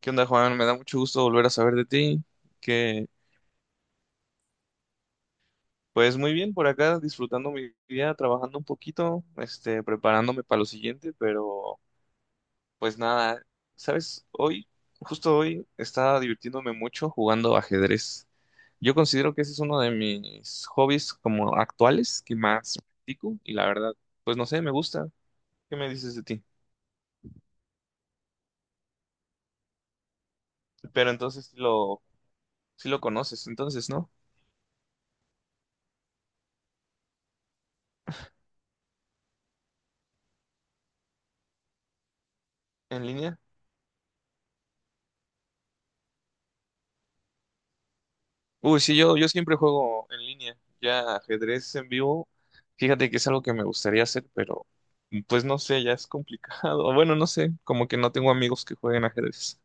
¿Qué onda, Juan? Me da mucho gusto volver a saber de ti. Que pues muy bien por acá, disfrutando mi día, trabajando un poquito, preparándome para lo siguiente, pero pues nada, ¿sabes? Justo hoy, estaba divirtiéndome mucho jugando ajedrez. Yo considero que ese es uno de mis hobbies como actuales que más practico y la verdad, pues no sé, me gusta. ¿Qué me dices de ti? Pero entonces sí lo conoces, entonces, ¿no? ¿En línea? Uy, sí, yo siempre juego en línea. Ya ajedrez en vivo, fíjate que es algo que me gustaría hacer, pero pues no sé, ya es complicado. O bueno, no sé, como que no tengo amigos que jueguen ajedrez.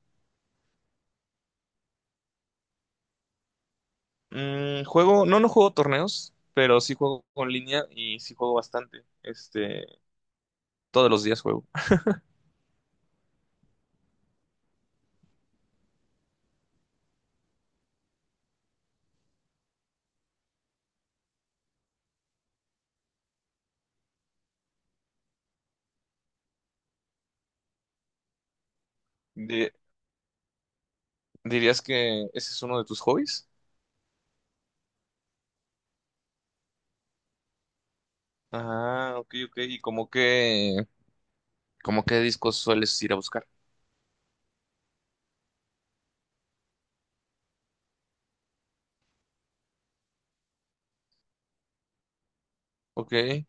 Mm, juego, no juego torneos, pero sí juego en línea y sí juego bastante. Todos los días juego. Di- ¿Dirías que ese es uno de tus hobbies? Ah, ok, ok. ¿Y como qué discos sueles ir a buscar? Ok.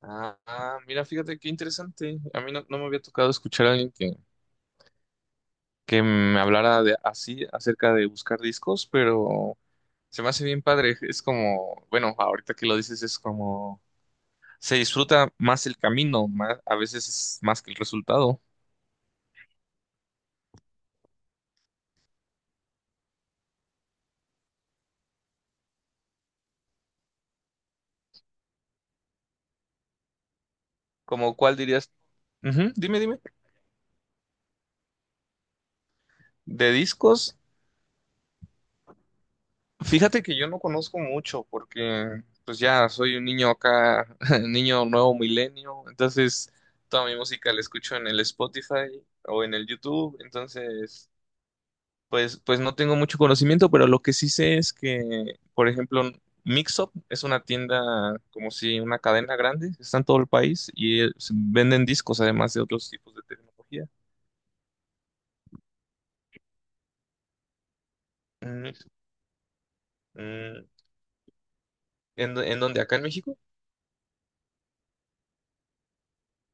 Ah, ah, mira, fíjate qué interesante. A mí no me había tocado escuchar a alguien que me hablara de, así acerca de buscar discos, pero se me hace bien padre. Es como, bueno, ahorita que lo dices es como, se disfruta más el camino, más, a veces es más que el resultado. Como, ¿cuál dirías? Ujú, dime, dime. ¿De discos? Fíjate que yo no conozco mucho porque pues ya soy un niño acá, niño nuevo milenio, entonces toda mi música la escucho en el Spotify o en el YouTube, entonces pues no tengo mucho conocimiento, pero lo que sí sé es que, por ejemplo, Mixup es una tienda como si una cadena grande, está en todo el país y venden discos además de otros tipos de tecnología. Mm, mm. En dónde? ¿Acá en México?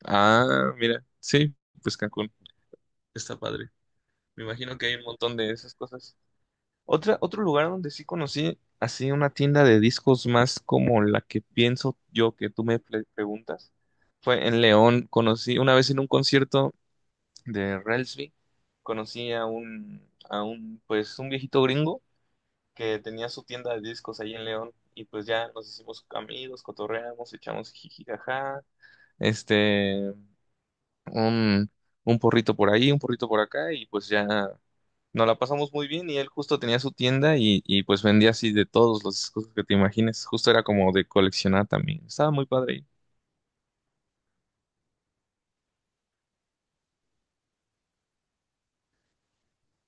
Ah, mira, sí, pues Cancún, está padre. Me imagino que hay un montón de esas cosas. Otro lugar donde sí conocí así una tienda de discos más como la que pienso yo que tú me preguntas fue en León. Conocí una vez en un concierto de Relsby, conocí a un, pues un viejito gringo que tenía su tienda de discos ahí en León y pues ya nos hicimos amigos, cotorreamos, echamos jiji, este, un, un porrito por ahí, un porrito por acá y pues ya. Nos la pasamos muy bien y él justo tenía su tienda y pues vendía así de todos los discos que te imagines. Justo era como de coleccionar también. Estaba muy padre.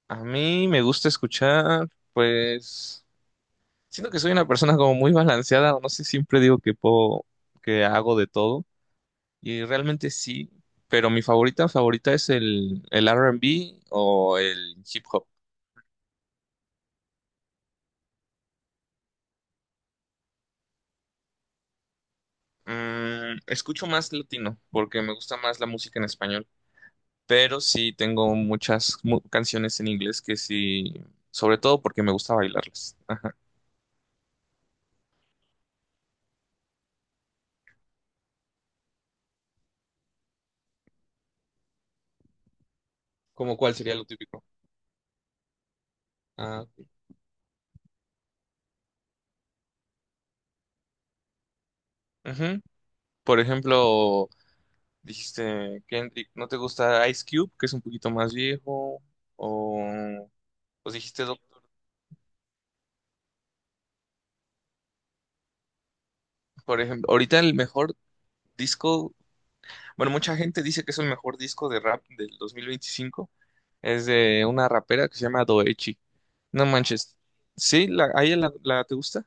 A mí me gusta escuchar, pues siento que soy una persona como muy balanceada. No sé, siempre digo que que hago de todo y realmente sí, pero mi favorita favorita es el R&B o el hip hop. Mm, escucho más latino porque me gusta más la música en español. Pero sí tengo muchas canciones en inglés que sí, sobre todo porque me gusta bailarlas. Ajá. ¿Cómo cuál sería lo típico? Ah, ok. Ujú. Por ejemplo, dijiste Kendrick, ¿no te gusta Ice Cube, que es un poquito más viejo? O pues dijiste Doctor, por ejemplo, ahorita el mejor disco, bueno, mucha gente dice que es el mejor disco de rap del 2025, es de una rapera que se llama Doechi. No manches. ¿Sí? ¿La, a ella te gusta?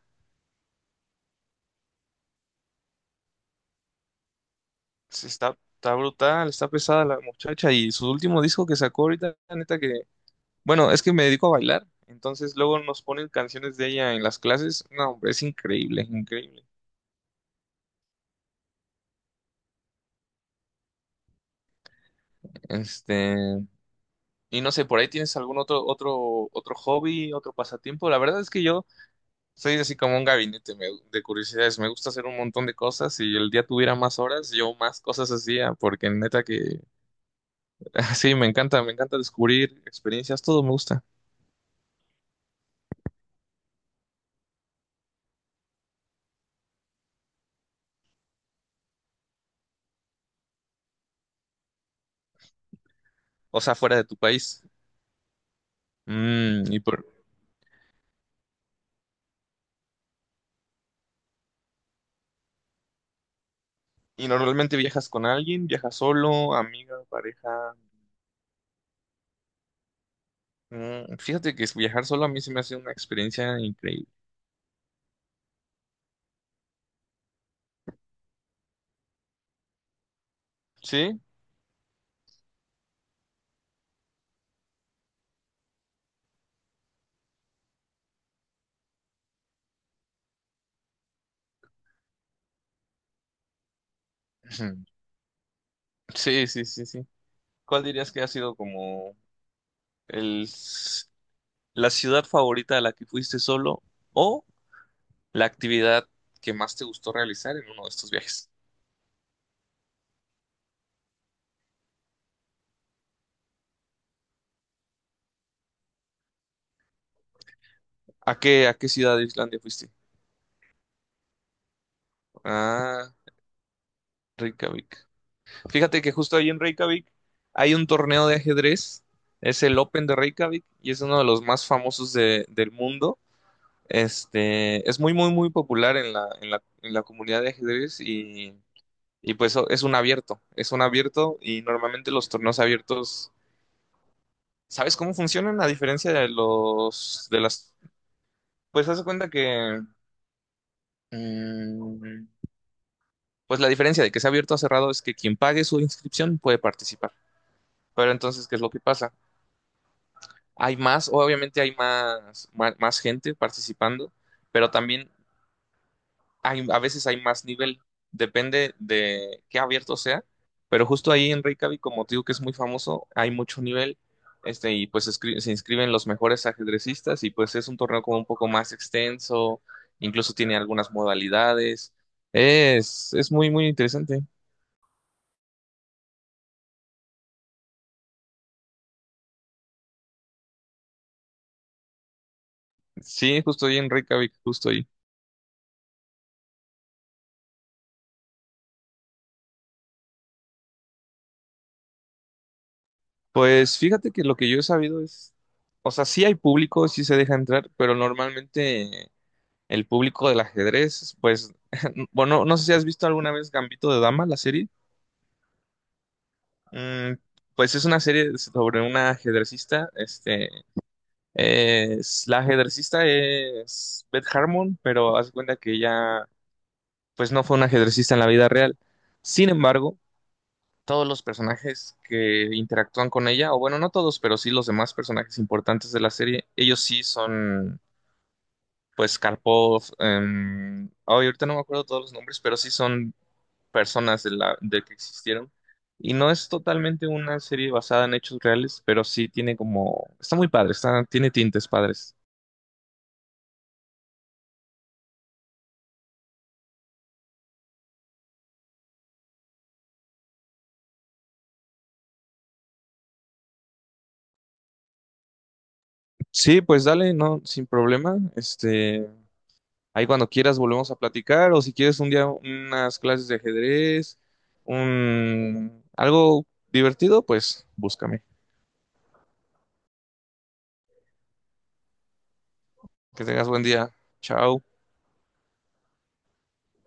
Sí, está, está brutal, está pesada la muchacha y su último disco que sacó ahorita, la neta que, bueno, es que me dedico a bailar, entonces luego nos ponen canciones de ella en las clases, no, hombre, es increíble, increíble. Este, y no sé, por ahí tienes algún otro hobby, otro pasatiempo. La verdad es que yo soy así como un gabinete de curiosidades, me gusta hacer un montón de cosas y el día tuviera más horas, yo más cosas hacía, porque neta que, sí, me encanta descubrir experiencias, todo me gusta. O sea, fuera de tu país. Mm, y por... ¿Y normalmente viajas con alguien? ¿Viajas solo, amiga, pareja? Mm, fíjate que viajar solo a mí se me hace una experiencia increíble. ¿Sí? Ujú. Sí, sí, sí, sí. ¿Cuál dirías que ha sido como el, s- la ciudad favorita a la que fuiste solo o la actividad que más te gustó realizar en uno de estos viajes? A qué ciudad de Islandia fuiste? Ah, Reykjavik. Fíjate que justo ahí en Reykjavik hay un torneo de ajedrez, es el Open de Reykjavik y es uno de los más famosos del mundo. Es muy, muy, muy popular en en la comunidad de ajedrez y pues es un abierto y normalmente los torneos abiertos, ¿sabes cómo funcionan? A diferencia de de las, pues haz de cuenta que, mm, pues la diferencia de que sea abierto o cerrado es que quien pague su inscripción puede participar. Pero entonces, ¿qué es lo que pasa? Hay más, obviamente hay más gente participando, pero también hay, a veces hay más nivel, depende de qué abierto sea, pero justo ahí en Reykjavik, como te digo que es muy famoso, hay mucho nivel, y pues se inscriben los mejores ajedrecistas y pues es un torneo como un poco más extenso, incluso tiene algunas modalidades, es muy, muy interesante. Sí, justo ahí en Reykjavik, justo ahí. Pues fíjate que lo que yo he sabido es, o sea, sí hay público, sí se deja entrar, pero normalmente el público del ajedrez, pues, bueno, no sé si has visto alguna vez Gambito de Dama, la serie. Mm, pues es una serie sobre una ajedrecista, es, la ajedrecista es Beth Harmon, pero haz de cuenta que ella, pues no fue una ajedrecista en la vida real. Sin embargo, todos los personajes que interactúan con ella, o bueno, no todos, pero sí los demás personajes importantes de la serie, ellos sí son, pues, Karpov, ay, ahorita no me acuerdo todos los nombres, pero sí son personas de de que existieron. Y no es totalmente una serie basada en hechos reales, pero sí tiene como, está muy padre, está, tiene tintes padres. Sí, pues dale, no, sin problema. Ahí cuando quieras volvemos a platicar o si quieres un día unas clases de ajedrez, un algo divertido, pues búscame. Que tengas buen día. Chao.